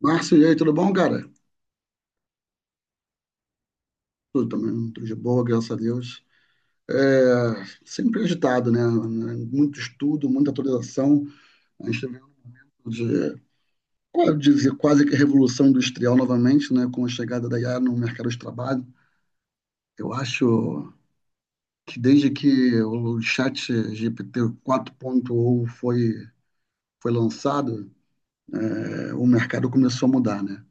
Márcio, e aí, tudo bom, cara? Tudo também, tudo de boa, graças a Deus. É, sempre agitado, né? Muito estudo, muita atualização. A gente está vendo de, quase dizer, quase que revolução industrial novamente, né? Com a chegada da IA no mercado de trabalho. Eu acho que desde que o chat GPT 4.0 foi lançado, o mercado começou a mudar, né?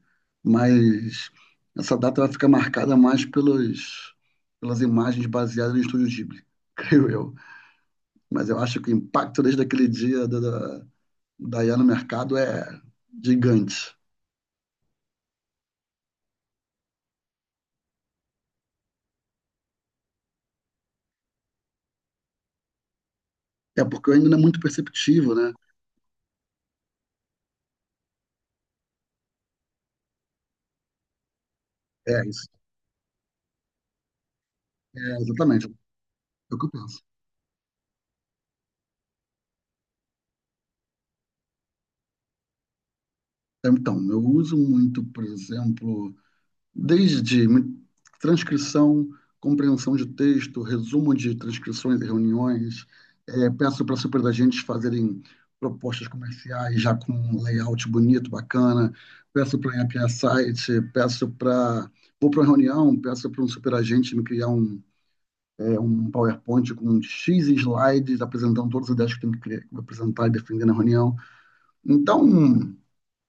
Mas essa data vai ficar marcada mais pelas imagens baseadas no Estúdio Ghibli, creio eu. Mas eu acho que o impacto desde aquele dia da IA no mercado é gigante. É porque ainda não é muito perceptivo, né? É isso. É, exatamente. É o que eu penso. Então, eu uso muito, por exemplo, desde transcrição, compreensão de texto, resumo de transcrições e reuniões. Peço para super da gente fazerem propostas comerciais já com um layout bonito, bacana. Peço para eu criar site, peço para. Vou para uma reunião, peço para um superagente me criar um PowerPoint com um X slides apresentando todas as ideias que tem que criar, apresentar e defender na reunião. Então,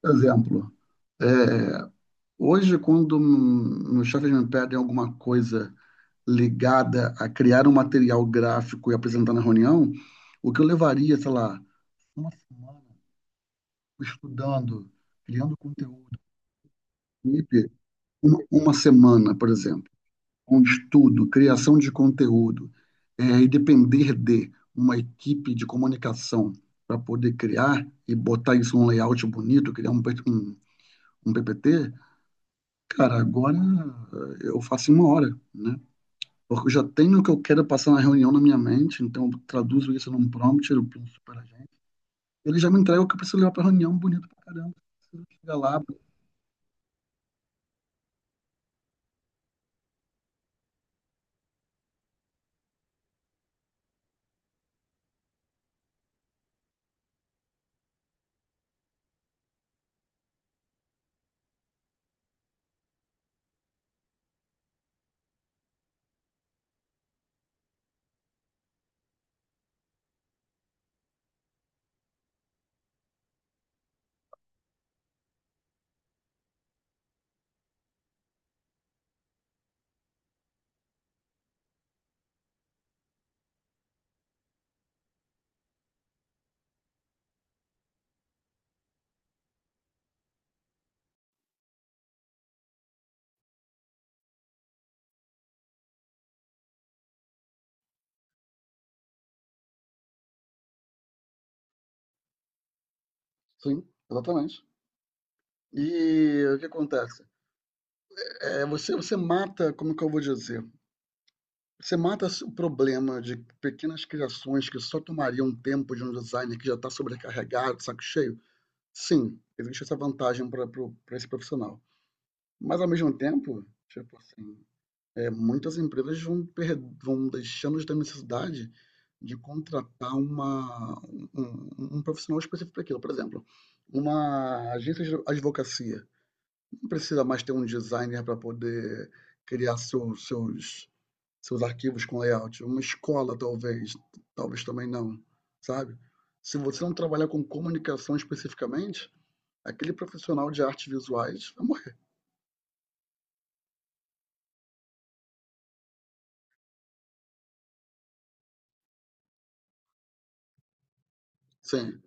por exemplo, é, Hoje, quando meus chefes me pedem alguma coisa ligada a criar um material gráfico e apresentar na reunião, o que eu levaria, sei lá, uma semana estudando, criando conteúdo, equipe, uma semana, por exemplo, com estudo, criação de conteúdo, e depender de uma equipe de comunicação para poder criar e botar isso num layout bonito, criar um PPT, cara, agora eu faço em uma hora, né? Porque eu já tenho o que eu quero passar na reunião na minha mente, então eu traduzo isso num prompt, eu penso para a gente. Ele já me entrega o que eu preciso levar para a reunião, bonito pra caramba. Preciso chegar lá. Sim, exatamente. E o que acontece? Você mata, como que eu vou dizer? Você mata o problema de pequenas criações que só tomariam tempo de um designer que já está sobrecarregado, saco cheio. Sim, existe essa vantagem para esse profissional. Mas ao mesmo tempo, tipo assim, muitas empresas vão deixando de ter necessidade de contratar um profissional específico para aquilo. Por exemplo, uma agência de advocacia não precisa mais ter um designer para poder criar seus arquivos com layout. Uma escola, talvez, talvez também não, sabe? Se você não trabalhar com comunicação especificamente, aquele profissional de artes visuais vai morrer. Sim.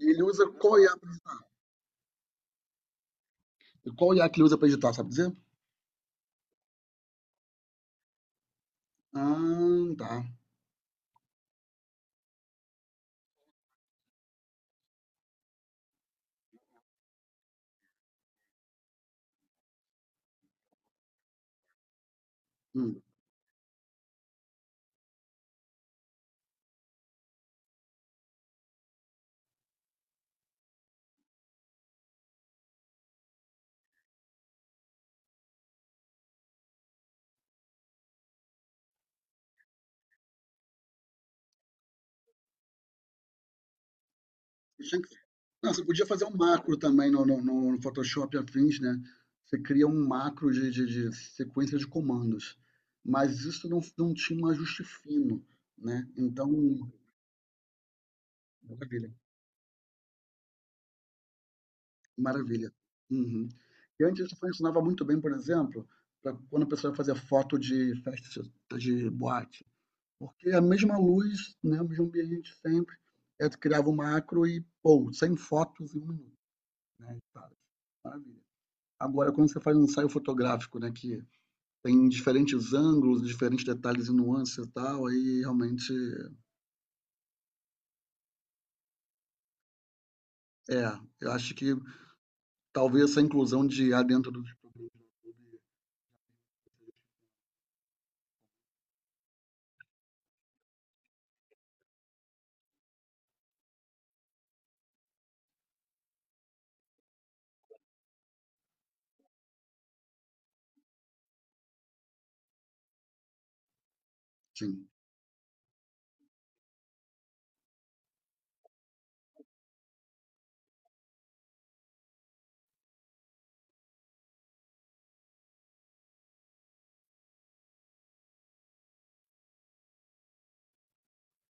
E ele usa qual IA, qual IA que ele usa para editar, sabe dizer? Ah, tá. Hum. Eu tinha que não, você podia fazer um macro também no Photoshop e afins, né. Você cria um macro de sequência de comandos, mas isso não tinha um ajuste fino, né, então maravilha, maravilha. Uhum. E antes isso funcionava muito bem, por exemplo, para quando a pessoa fazia foto de festa de boate, porque a mesma luz, né, o mesmo ambiente sempre, aí tu criava um macro e, pô, 100 fotos em um minuto, né. Maravilha. Agora, quando você faz um ensaio fotográfico, né, que tem diferentes ângulos, diferentes detalhes e nuances e tal, aí realmente é. Eu acho que talvez essa inclusão de A dentro do Sim.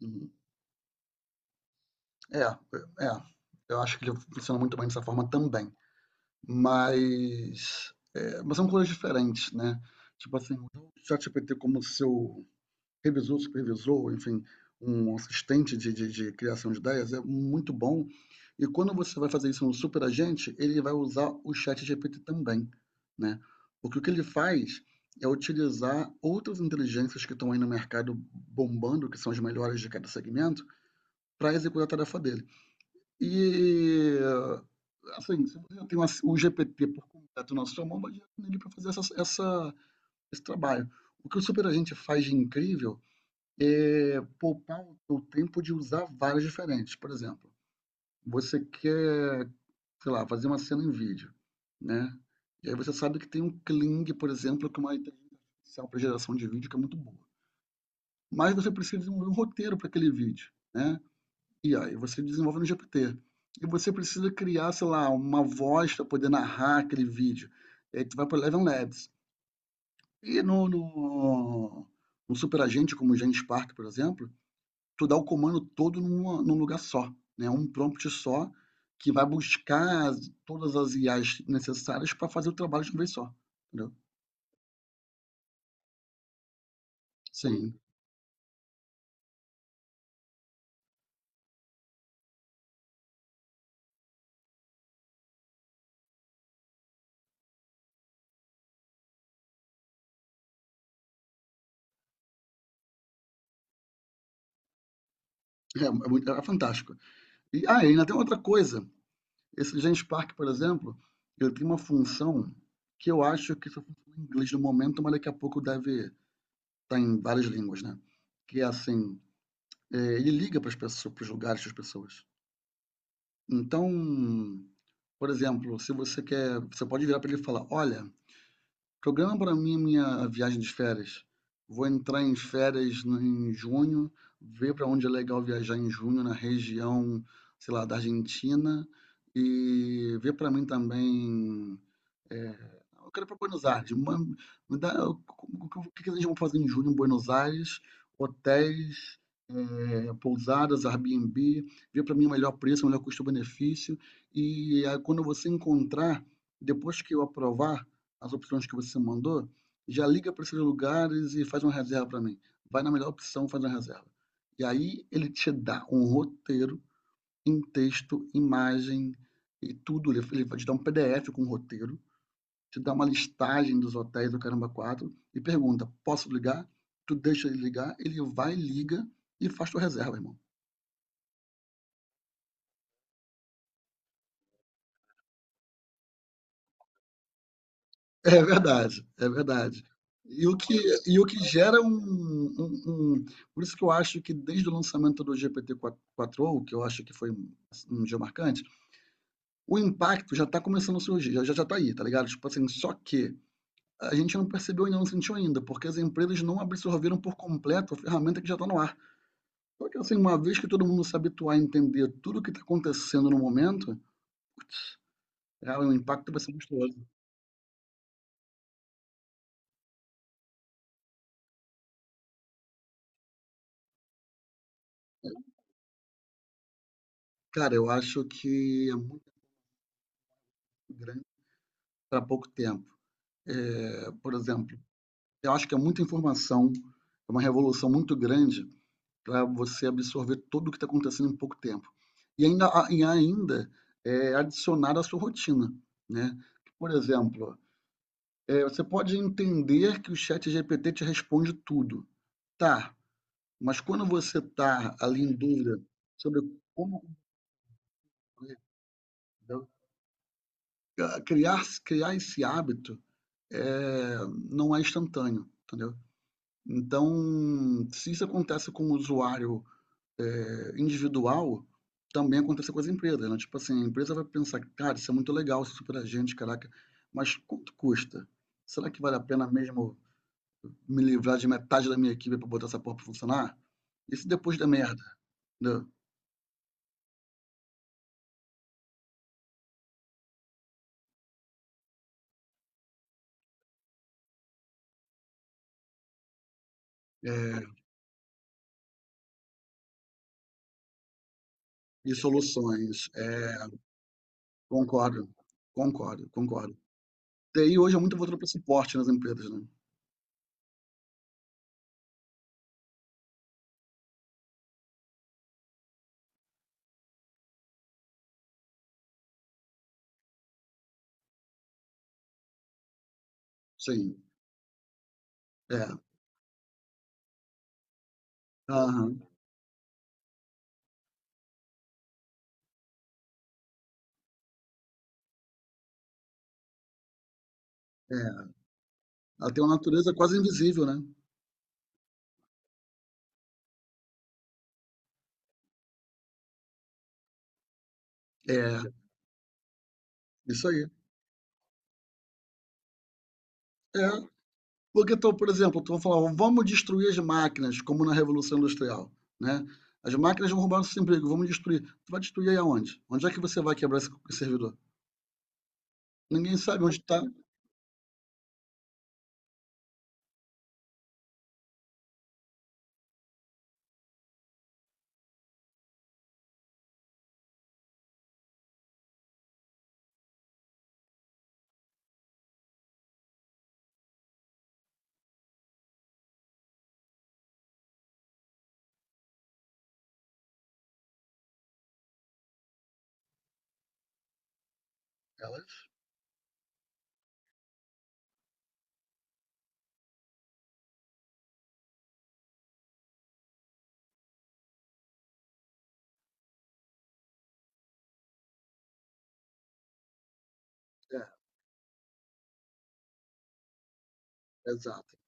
Uhum. É, é. É. Eu acho que ele funciona muito bem dessa forma também. Mas, mas são coisas diferentes, né? Tipo assim, o ChatGPT como seu revisor, supervisor, enfim, um assistente de criação de ideias é muito bom. E quando você vai fazer isso no superagente, ele vai usar o chat GPT também, né? Porque o que ele faz é utilizar outras inteligências que estão aí no mercado bombando, que são as melhores de cada segmento, para executar a tarefa dele. E, assim, se você tem o GPT por completo na sua mão, vai nele para fazer esse trabalho. O que o superagente faz de incrível poupar o tempo de usar várias diferentes. Por exemplo, você quer, sei lá, fazer uma cena em vídeo, né, e aí você sabe que tem um Kling, por exemplo, que é uma inteligência artificial para geração de vídeo que é muito boa. Mas você precisa desenvolver um roteiro para aquele vídeo, né, e aí você desenvolve no GPT. E você precisa criar, sei lá, uma voz para poder narrar aquele vídeo. E aí tu vai para o Eleven Labs. E no Superagente, como o Genspark, por exemplo, tu dá o comando todo num lugar só, né? Um prompt só que vai buscar todas as IAs necessárias para fazer o trabalho de uma vez só, entendeu? Sim, é fantástico. E ainda tem outra coisa. Esse Genspark, por exemplo, ele tem uma função que eu acho que só funciona em inglês no momento, mas daqui a pouco deve estar em várias línguas, né? Que é assim, ele liga para as pessoas, para os lugares das pessoas. Então, por exemplo, se você quer, você pode virar para ele e falar, olha, programa para mim a minha viagem de férias. Vou entrar em férias em junho, ver para onde é legal viajar em junho na região, sei lá, da Argentina e ver para mim também é, eu quero ir para Buenos Aires. Ma- me dá- o que que vocês vão fazer em julho em Buenos Aires? Hotéis, pousadas, Airbnb. Vê para mim o melhor preço, o melhor custo-benefício. E aí, quando você encontrar, depois que eu aprovar as opções que você mandou, já liga para esses lugares e faz uma reserva para mim. Vai na melhor opção, faz uma reserva. E aí ele te dá um roteiro em texto, imagem e tudo. Ele vai te dar um PDF com um roteiro, te dá uma listagem dos hotéis do Caramba 4 e pergunta: posso ligar? Tu deixa ele ligar, ele vai, liga e faz tua reserva, irmão. É verdade, é verdade. E o que, e o que gera Por isso que eu acho que desde o lançamento do GPT-4o, que eu acho que foi um dia marcante, o impacto já está começando a surgir, já, já já tá aí, tá ligado? Tipo assim, só que a gente não percebeu ainda, não sentiu ainda, porque as empresas não absorveram por completo a ferramenta que já está no ar. Só que assim, uma vez que todo mundo se habituar a entender tudo o que está acontecendo no momento, cara, o impacto vai ser monstruoso. Cara, eu acho que é muito grande para pouco tempo. Por exemplo, eu acho que é muita informação, é uma revolução muito grande para você absorver tudo o que está acontecendo em pouco tempo. E ainda, adicionar à sua rotina, né? Por exemplo, você pode entender que o chat GPT te responde tudo. Tá, mas quando você está ali em dúvida sobre como concluir, entendeu? Criar esse hábito é, não é instantâneo, entendeu? Então, se isso acontece com o usuário individual, também acontece com as empresas, né? Tipo assim, a empresa vai pensar, cara, isso é muito legal, isso é super agente, caraca, mas quanto custa? Será que vale a pena mesmo me livrar de metade da minha equipe para botar essa porra para funcionar? Isso depois da merda, entendeu? É, e soluções. É, concordo, concordo, concordo. TI hoje é muito voltada para suporte nas empresas, né. Sim, é. Aham, é. Ela tem uma natureza quase invisível, né. É, isso aí. É, porque então, por exemplo, tu vai falar: "Vamos destruir as máquinas", como na Revolução Industrial, né. "As máquinas vão roubar nossos empregos, vamos destruir". Tu vai destruir aí aonde? Onde é que você vai quebrar esse servidor? Ninguém sabe onde está. Elas é, exato.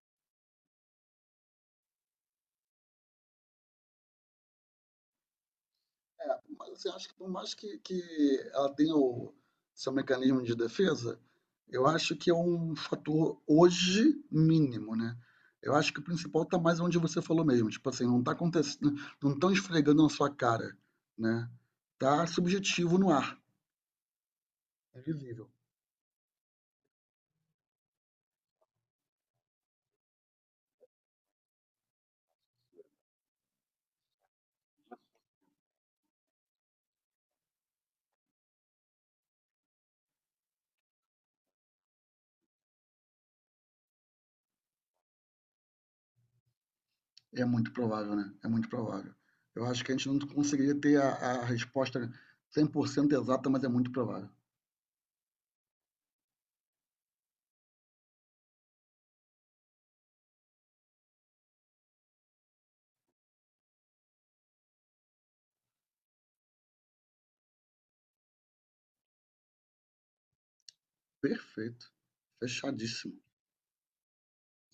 É, mas eu acho que por mais que ela tenha o seu mecanismo de defesa, eu acho que é um fator hoje mínimo, né? Eu acho que o principal tá mais onde você falou mesmo, tipo assim, não tá acontecendo, não estão esfregando na sua cara, né? Tá subjetivo no ar, é visível. É muito provável, né? É muito provável. Eu acho que a gente não conseguiria ter a resposta 100% exata, mas é muito provável. Perfeito. Fechadíssimo.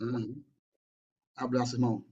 Uhum. Abraço, irmão.